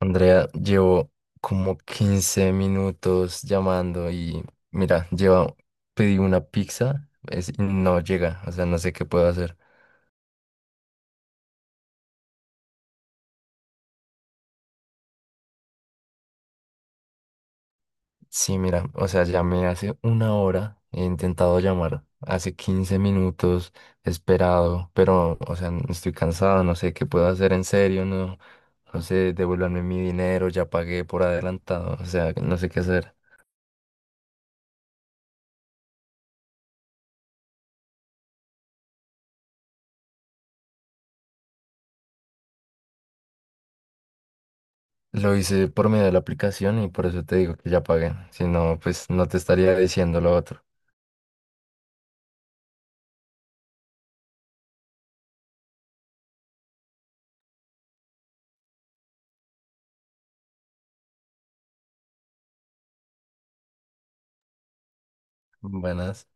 Andrea, llevo como 15 minutos llamando y mira, pedí una pizza y no llega, o sea, no sé qué puedo hacer. Sí, mira, o sea, llamé hace una hora, he intentado llamar hace 15 minutos, he esperado, pero, o sea, estoy cansado, no sé qué puedo hacer en serio, no, no sé, devuélvanme mi dinero, ya pagué por adelantado, o sea, no sé qué hacer. Lo hice por medio de la aplicación y por eso te digo que ya pagué. Si no, pues no te estaría diciendo lo otro. Buenas.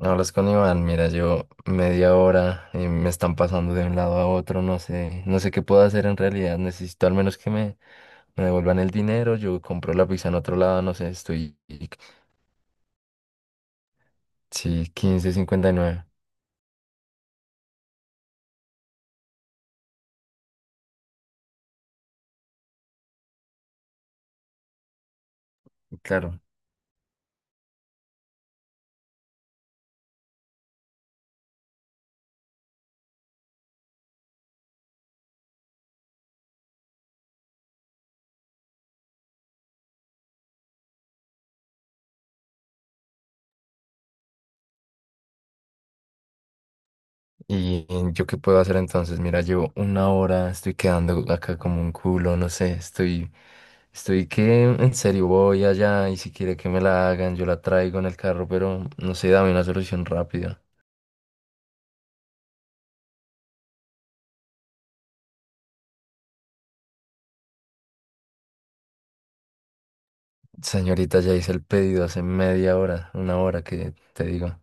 Hablas con Iván, mira, yo media hora y me están pasando de un lado a otro, no sé, no sé qué puedo hacer en realidad. Necesito al menos que me devuelvan el dinero, yo compro la pizza en otro lado, no sé, sí, 1559. Claro. ¿Y yo qué puedo hacer entonces? Mira, llevo una hora, estoy quedando acá como un culo, no sé, estoy que en serio voy allá y si quiere que me la hagan, yo la traigo en el carro, pero no sé, dame una solución rápida. Señorita, ya hice el pedido hace media hora, una hora que te digo.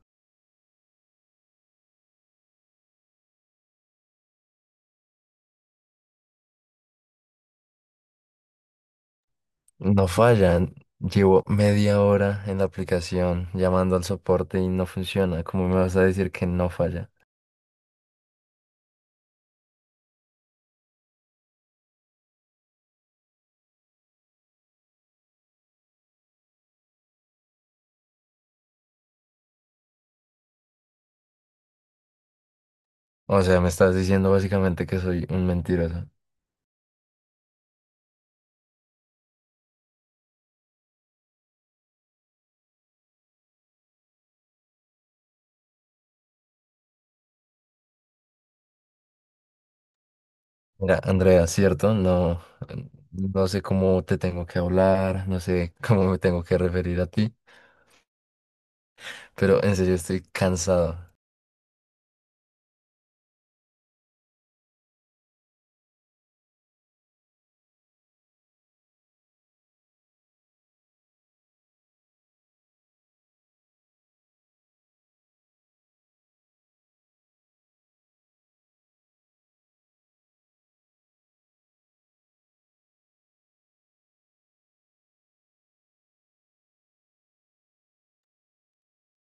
No falla, llevo media hora en la aplicación llamando al soporte y no funciona. ¿Cómo me vas a decir que no falla? O sea, me estás diciendo básicamente que soy un mentiroso. Mira, Andrea, ¿cierto? No, no sé cómo te tengo que hablar, no sé cómo me tengo que referir a ti, pero en serio estoy cansado.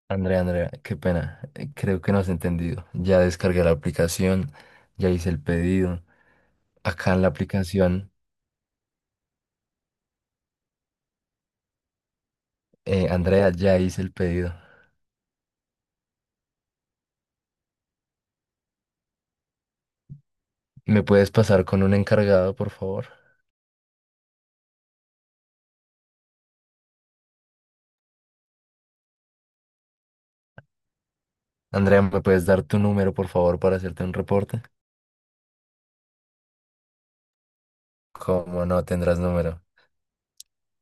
Andrea, Andrea, qué pena. Creo que no has entendido. Ya descargué la aplicación, ya hice el pedido. Acá en la aplicación, Andrea, ya hice el pedido. ¿Me puedes pasar con un encargado, por favor? Andrea, ¿me puedes dar tu número, por favor, para hacerte un reporte? ¿Cómo no tendrás número?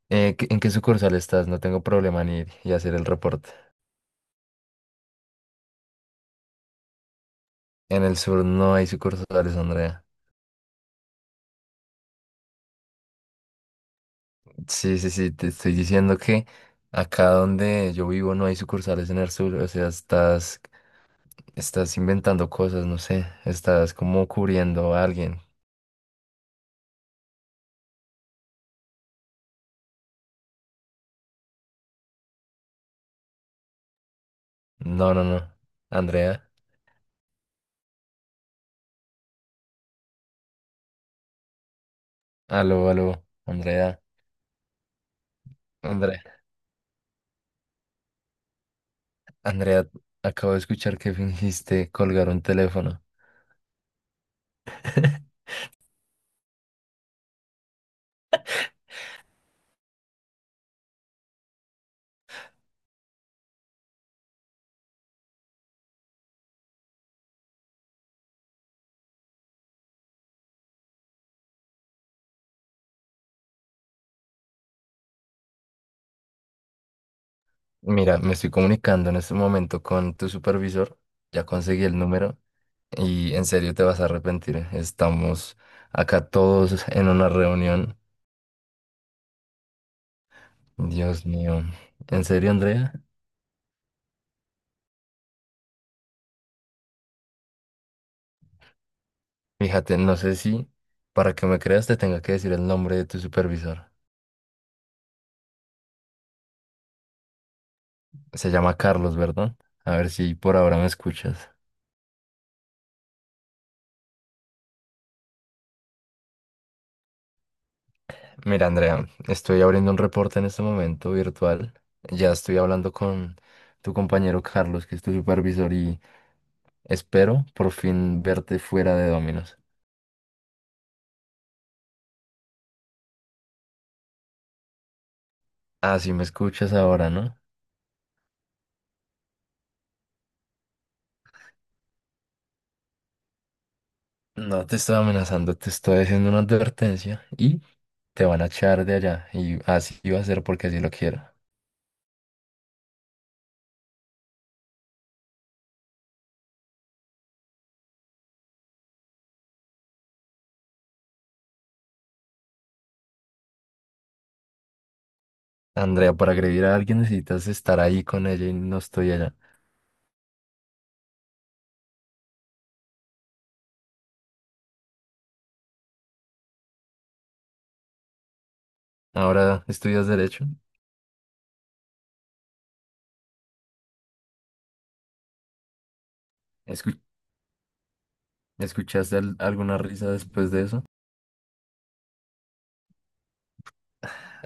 ¿En qué sucursal estás? No tengo problema en ir y hacer el reporte. En el sur no hay sucursales, Andrea. Sí, sí, sí, te estoy diciendo que acá donde yo vivo no hay sucursales en el sur. O sea, estás inventando cosas, no sé. Estás como cubriendo a alguien. No, no, no. Andrea. Aló, aló. Andrea. Andrea. Andrea, acabo de escuchar que fingiste colgar un teléfono. Mira, me estoy comunicando en este momento con tu supervisor. Ya conseguí el número. Y en serio te vas a arrepentir, ¿eh? Estamos acá todos en una reunión. Dios mío. ¿En serio, Andrea? Fíjate, no sé si para que me creas te tenga que decir el nombre de tu supervisor. Se llama Carlos, ¿verdad? A ver si por ahora me escuchas. Mira, Andrea, estoy abriendo un reporte en este momento virtual. Ya estoy hablando con tu compañero Carlos, que es tu supervisor, y espero por fin verte fuera de Dominos. Ah, sí me escuchas ahora, ¿no? No te estoy amenazando, te estoy haciendo una advertencia y te van a echar de allá. Y así va a ser porque así lo quiero. Andrea, para agredir a alguien necesitas estar ahí con ella y no estoy allá. Ahora estudias derecho. Escu- ¿Escuchaste alguna risa después de eso?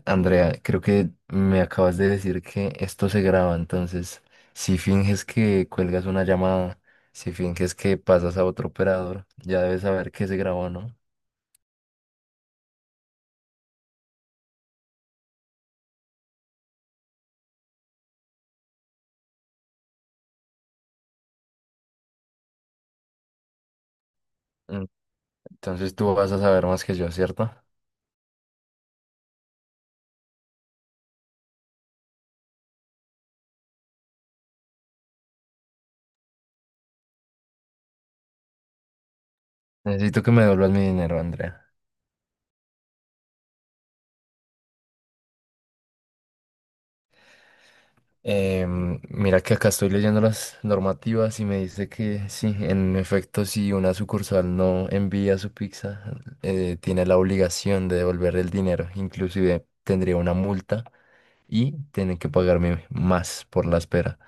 Andrea, creo que me acabas de decir que esto se graba, entonces si finges que cuelgas una llamada, si finges que pasas a otro operador, ya debes saber que se grabó, ¿no? Mm, Entonces tú vas a saber más que yo, ¿cierto? Necesito que me devuelvas mi dinero, Andrea. Mira que acá estoy leyendo las normativas y me dice que sí, en efecto, si una sucursal no envía su pizza, tiene la obligación de devolver el dinero. Inclusive tendría una multa y tiene que pagarme más por la espera.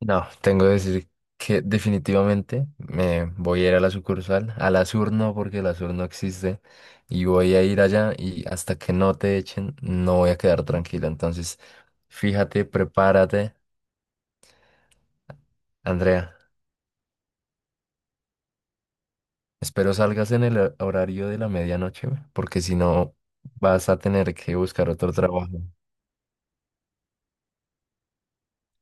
No, tengo que decir que definitivamente me voy a ir a la sucursal, a la sur no, porque la sur no existe, y voy a ir allá y hasta que no te echen no voy a quedar tranquilo. Entonces, fíjate, prepárate, Andrea. Espero salgas en el horario de la medianoche, güey, porque si no vas a tener que buscar otro trabajo.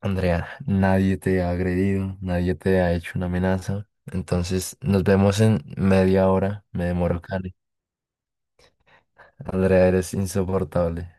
Andrea, nadie te ha agredido, nadie te ha hecho una amenaza. Entonces, nos vemos en media hora. Me demoro acá. Andrea, eres insoportable.